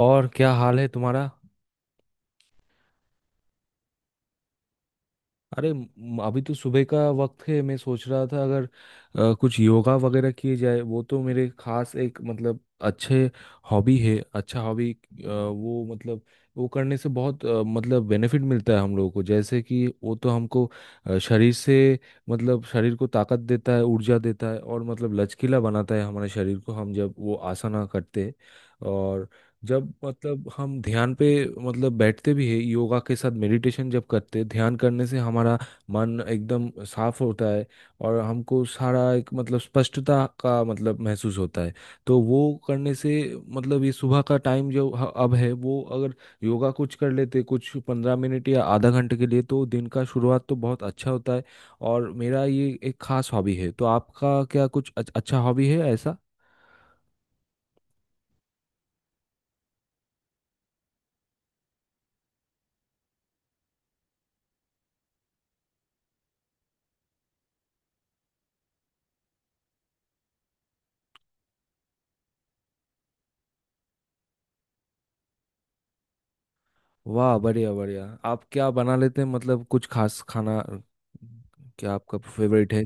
और क्या हाल है तुम्हारा? अरे अभी तो सुबह का वक्त है। मैं सोच रहा था अगर कुछ योगा वगैरह किए जाए, वो तो मेरे खास एक मतलब अच्छे हॉबी है। अच्छा हॉबी वो मतलब वो करने से बहुत मतलब बेनिफिट मिलता है हम लोगों को, जैसे कि वो तो हमको शरीर से मतलब शरीर को ताकत देता है, ऊर्जा देता है, और मतलब लचकीला बनाता है हमारे शरीर को हम जब वो आसना करते हैं। और जब मतलब हम ध्यान पे मतलब बैठते भी है योगा के साथ, मेडिटेशन जब करते हैं ध्यान करने से हमारा मन एकदम साफ होता है। और हमको सारा एक मतलब स्पष्टता का मतलब महसूस होता है। तो वो करने से मतलब ये सुबह का टाइम जो अब है, वो अगर योगा कुछ कर लेते कुछ 15 मिनट या आधा घंटे के लिए, तो दिन का शुरुआत तो बहुत अच्छा होता है। और मेरा ये एक खास हॉबी है। तो आपका क्या कुछ अच्छा हॉबी है ऐसा? वाह बढ़िया बढ़िया, आप क्या बना लेते हैं मतलब कुछ खास खाना क्या आपका फेवरेट है?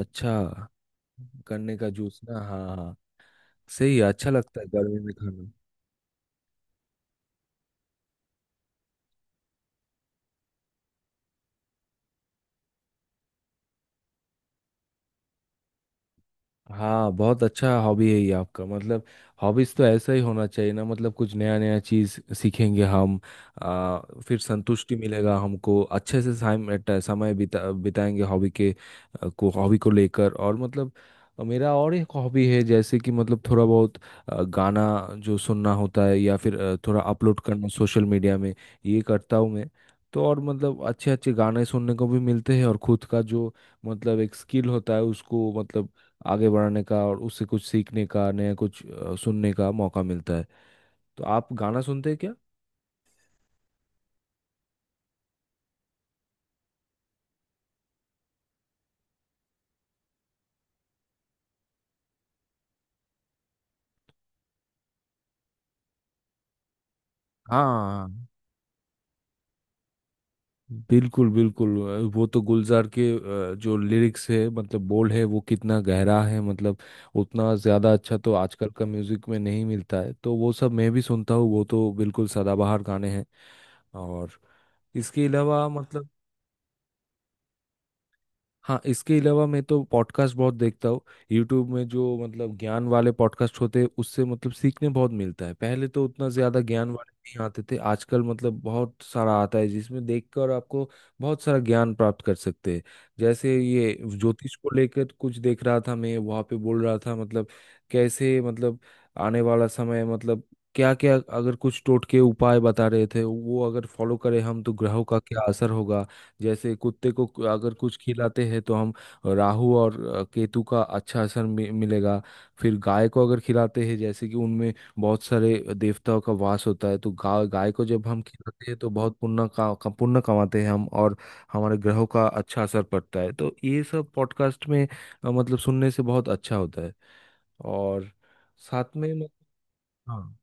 अच्छा, गन्ने का जूस ना, हाँ हाँ हाँ। सही है, अच्छा लगता है गर्मी में खाना। हाँ बहुत अच्छा हॉबी है ये आपका। मतलब हॉबीज तो ऐसा ही होना चाहिए ना, मतलब कुछ नया नया चीज सीखेंगे हम। आ, फिर संतुष्टि मिलेगा हमको अच्छे से, समय समय बिता बिताएंगे हॉबी के आ, को हॉबी को लेकर। और मतलब मेरा और एक हॉबी है, जैसे कि मतलब थोड़ा बहुत गाना जो सुनना होता है, या फिर थोड़ा अपलोड करना सोशल मीडिया में, ये करता हूँ मैं। तो और मतलब अच्छे अच्छे गाने सुनने को भी मिलते हैं, और खुद का जो मतलब एक स्किल होता है उसको मतलब आगे बढ़ने का और उससे कुछ सीखने का, नया कुछ सुनने का मौका मिलता है। तो आप गाना सुनते हैं क्या? हाँ, बिल्कुल बिल्कुल, वो तो गुलजार के जो लिरिक्स है मतलब बोल है वो कितना गहरा है। मतलब उतना ज़्यादा अच्छा तो आजकल का म्यूज़िक में नहीं मिलता है, तो वो सब मैं भी सुनता हूँ। वो तो बिल्कुल सदाबहार गाने हैं। और इसके अलावा मतलब हाँ इसके अलावा मैं तो पॉडकास्ट बहुत देखता हूँ। यूट्यूब में जो मतलब ज्ञान वाले पॉडकास्ट होते हैं उससे मतलब सीखने बहुत मिलता है। पहले तो उतना ज़्यादा ज्ञान वाले नहीं आते थे, आजकल मतलब बहुत सारा आता है, जिसमें देखकर आपको बहुत सारा ज्ञान प्राप्त कर सकते हैं। जैसे ये ज्योतिष को लेकर कुछ देख रहा था मैं, वहाँ पे बोल रहा था मतलब कैसे मतलब आने वाला समय मतलब क्या क्या, अगर कुछ टोटके उपाय बता रहे थे वो अगर फॉलो करें हम तो ग्रहों का क्या असर होगा। जैसे कुत्ते को अगर कुछ खिलाते हैं तो हम राहु और केतु का अच्छा असर मिलेगा। फिर गाय को अगर खिलाते हैं, जैसे कि उनमें बहुत सारे देवताओं का वास होता है, तो गाय गाय को जब हम खिलाते हैं तो बहुत पुण्य का पुण्य कमाते हैं हम, और हमारे ग्रहों का अच्छा असर पड़ता है। तो ये सब पॉडकास्ट में मतलब सुनने से बहुत अच्छा होता है। और साथ में हाँ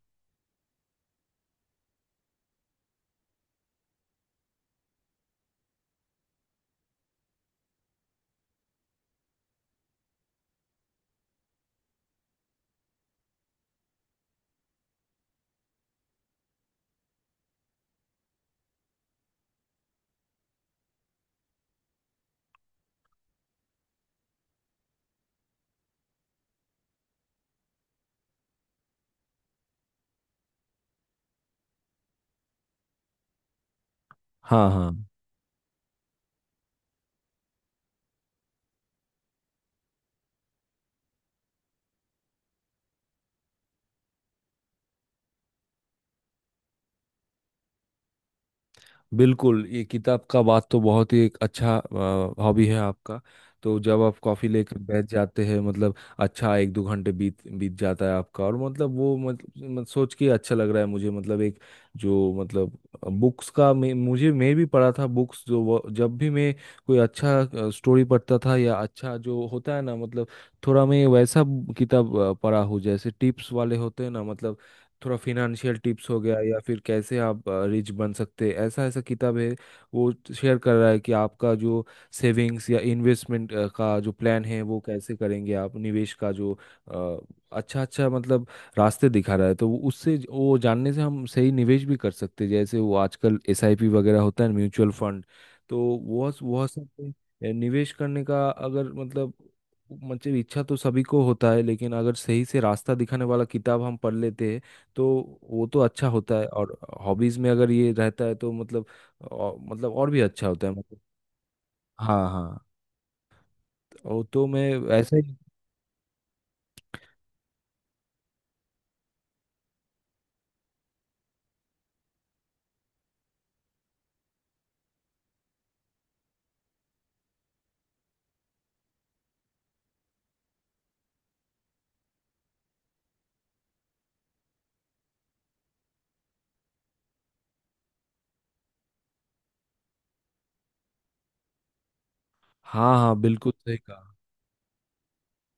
हाँ हाँ। बिल्कुल, ये किताब का बात तो बहुत ही एक अच्छा हॉबी है आपका। तो जब आप कॉफ़ी लेकर बैठ जाते हैं मतलब अच्छा, एक दो घंटे बीत बीत जाता है आपका, और मतलब वो मतलब सोच के अच्छा लग रहा है मुझे। मतलब एक जो मतलब बुक्स का मैं, मुझे मैं भी पढ़ा था बुक्स, जो वो जब भी मैं कोई अच्छा स्टोरी पढ़ता था या अच्छा जो होता है ना, मतलब थोड़ा मैं वैसा किताब पढ़ा हूँ। जैसे टिप्स वाले होते हैं ना, मतलब थोड़ा फिनेंशियल टिप्स हो गया, या फिर कैसे आप रिच बन सकते हैं, ऐसा ऐसा किताब है। वो शेयर कर रहा है कि आपका जो सेविंग्स या इन्वेस्टमेंट का जो प्लान है वो कैसे करेंगे आप, निवेश का जो अच्छा अच्छा मतलब रास्ते दिखा रहा है। तो वो जानने से हम सही निवेश भी कर सकते हैं। जैसे वो आजकल एसआईपी वगैरह होता है, म्यूचुअल फंड, तो वह सब पे निवेश करने का अगर मतलब मतलब इच्छा तो सभी को होता है, लेकिन अगर सही से रास्ता दिखाने वाला किताब हम पढ़ लेते हैं तो वो तो अच्छा होता है। और हॉबीज में अगर ये रहता है तो मतलब मतलब और भी अच्छा होता है मतलब। हाँ हाँ, ओ तो मैं ऐसे ही। हाँ हाँ, बिल्कुल सही कहा।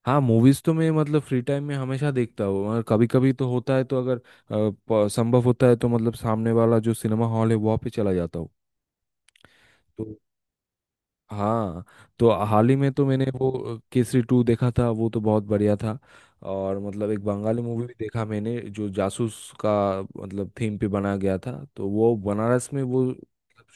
हाँ, मूवीज तो मैं मतलब फ्री टाइम में हमेशा देखता हूँ, और कभी कभी तो होता है तो अगर संभव होता है तो मतलब सामने वाला जो सिनेमा हॉल है वहाँ पे चला जाता हूँ। तो हाँ, तो हाल ही में तो मैंने वो केसरी टू देखा था, वो तो बहुत बढ़िया था। और मतलब एक बंगाली मूवी भी देखा मैंने, जो जासूस का मतलब थीम पे बना गया था, तो वो बनारस में वो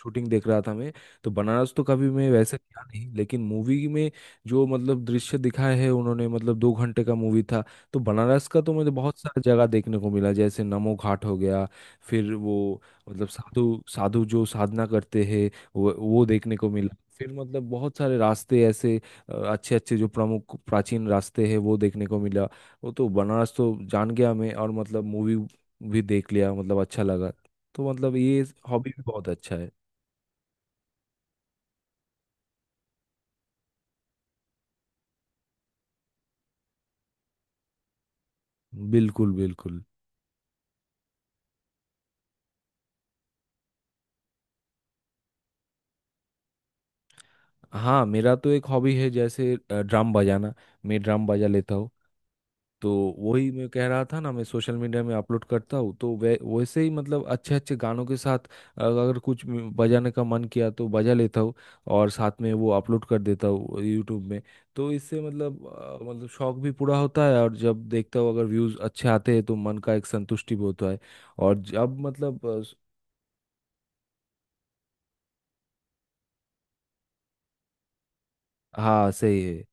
शूटिंग देख रहा था मैं। तो बनारस तो कभी मैं वैसे गया नहीं, लेकिन मूवी में जो मतलब दृश्य दिखाए है उन्होंने, मतलब 2 घंटे का मूवी था, तो बनारस का तो मुझे बहुत सारा जगह देखने को मिला। जैसे नमो घाट हो गया, फिर वो मतलब साधु साधु जो साधना करते हैं वो देखने को मिला, फिर मतलब बहुत सारे रास्ते ऐसे अच्छे अच्छे जो प्रमुख प्राचीन रास्ते हैं वो देखने को मिला। वो तो बनारस तो जान गया मैं, और मतलब मूवी भी देख लिया, मतलब अच्छा लगा। तो मतलब ये हॉबी भी बहुत अच्छा है। बिल्कुल बिल्कुल। हाँ, मेरा तो एक हॉबी है जैसे ड्रम बजाना, मैं ड्रम बजा लेता हूँ। तो वही मैं कह रहा था ना, मैं सोशल मीडिया में अपलोड करता हूँ, तो वै वैसे ही मतलब अच्छे अच्छे गानों के साथ अगर कुछ बजाने का मन किया तो बजा लेता हूँ, और साथ में वो अपलोड कर देता हूँ यूट्यूब में। तो इससे मतलब मतलब शौक भी पूरा होता है, और जब देखता हूँ अगर व्यूज़ अच्छे आते हैं तो मन का एक संतुष्टि भी होता है। और जब मतलब हाँ सही है,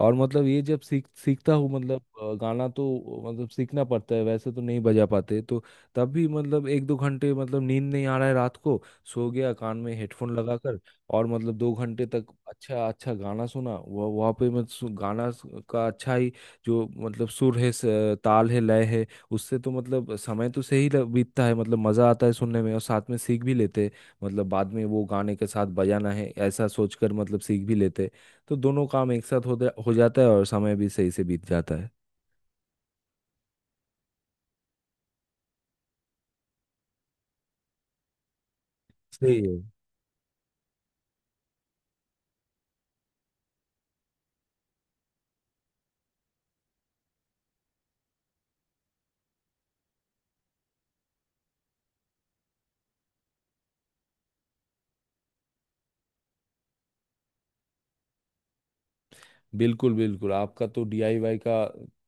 और मतलब ये जब सीख सीखता हूँ मतलब गाना, तो मतलब सीखना पड़ता है, वैसे तो नहीं बजा पाते। तो तब भी मतलब एक दो घंटे, मतलब नींद नहीं आ रहा है रात को, सो गया कान में हेडफोन लगाकर, और मतलब 2 घंटे तक अच्छा अच्छा गाना सुना। वह वहाँ पे मैं का अच्छा ही जो मतलब सुर है, ताल है, लय है, उससे तो मतलब समय तो सही बीतता है। मतलब मज़ा आता है सुनने में, और साथ में सीख भी लेते हैं, मतलब बाद में वो गाने के साथ बजाना है ऐसा सोचकर मतलब सीख भी लेते हैं। तो दोनों काम एक साथ होते हो जाता है, और समय भी सही से बीत जाता है। सही है। बिल्कुल बिल्कुल, आपका तो डीआईवाई का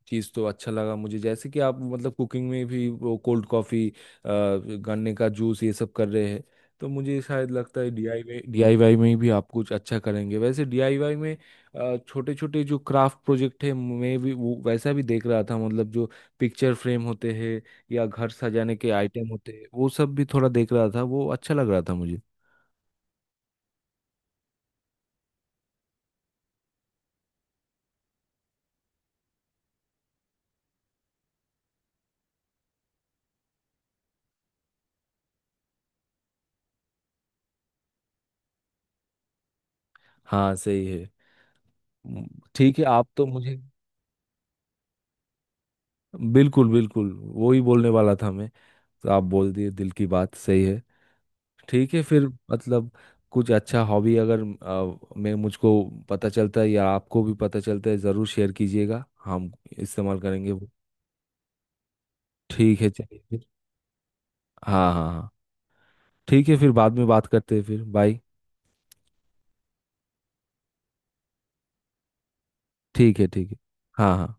चीज़ तो अच्छा लगा मुझे, जैसे कि आप मतलब कुकिंग में भी वो कोल्ड कॉफ़ी, गन्ने का जूस, ये सब कर रहे हैं। तो मुझे शायद लगता है डीआईवाई, डीआईवाई में भी आप कुछ अच्छा करेंगे। वैसे डीआईवाई में छोटे छोटे जो क्राफ्ट प्रोजेक्ट है मैं भी वो वैसा भी देख रहा था, मतलब जो पिक्चर फ्रेम होते हैं या घर सजाने के आइटम होते हैं, वो सब भी थोड़ा देख रहा था, वो अच्छा लग रहा था मुझे। हाँ, सही है। म, ठीक है, आप तो मुझे बिल्कुल बिल्कुल वो ही बोलने वाला था मैं। तो आप बोल दिए दिल की बात, सही है। ठीक है फिर, मतलब कुछ अच्छा हॉबी अगर अ, मैं मुझको पता चलता है या आपको भी पता चलता है, ज़रूर शेयर कीजिएगा, हम इस्तेमाल करेंगे वो। ठीक है चलिए फिर। हाँ हाँ हाँ, ठीक है फिर, बाद में बात करते हैं, फिर बाय। ठीक है ठीक है। हाँ हाँ।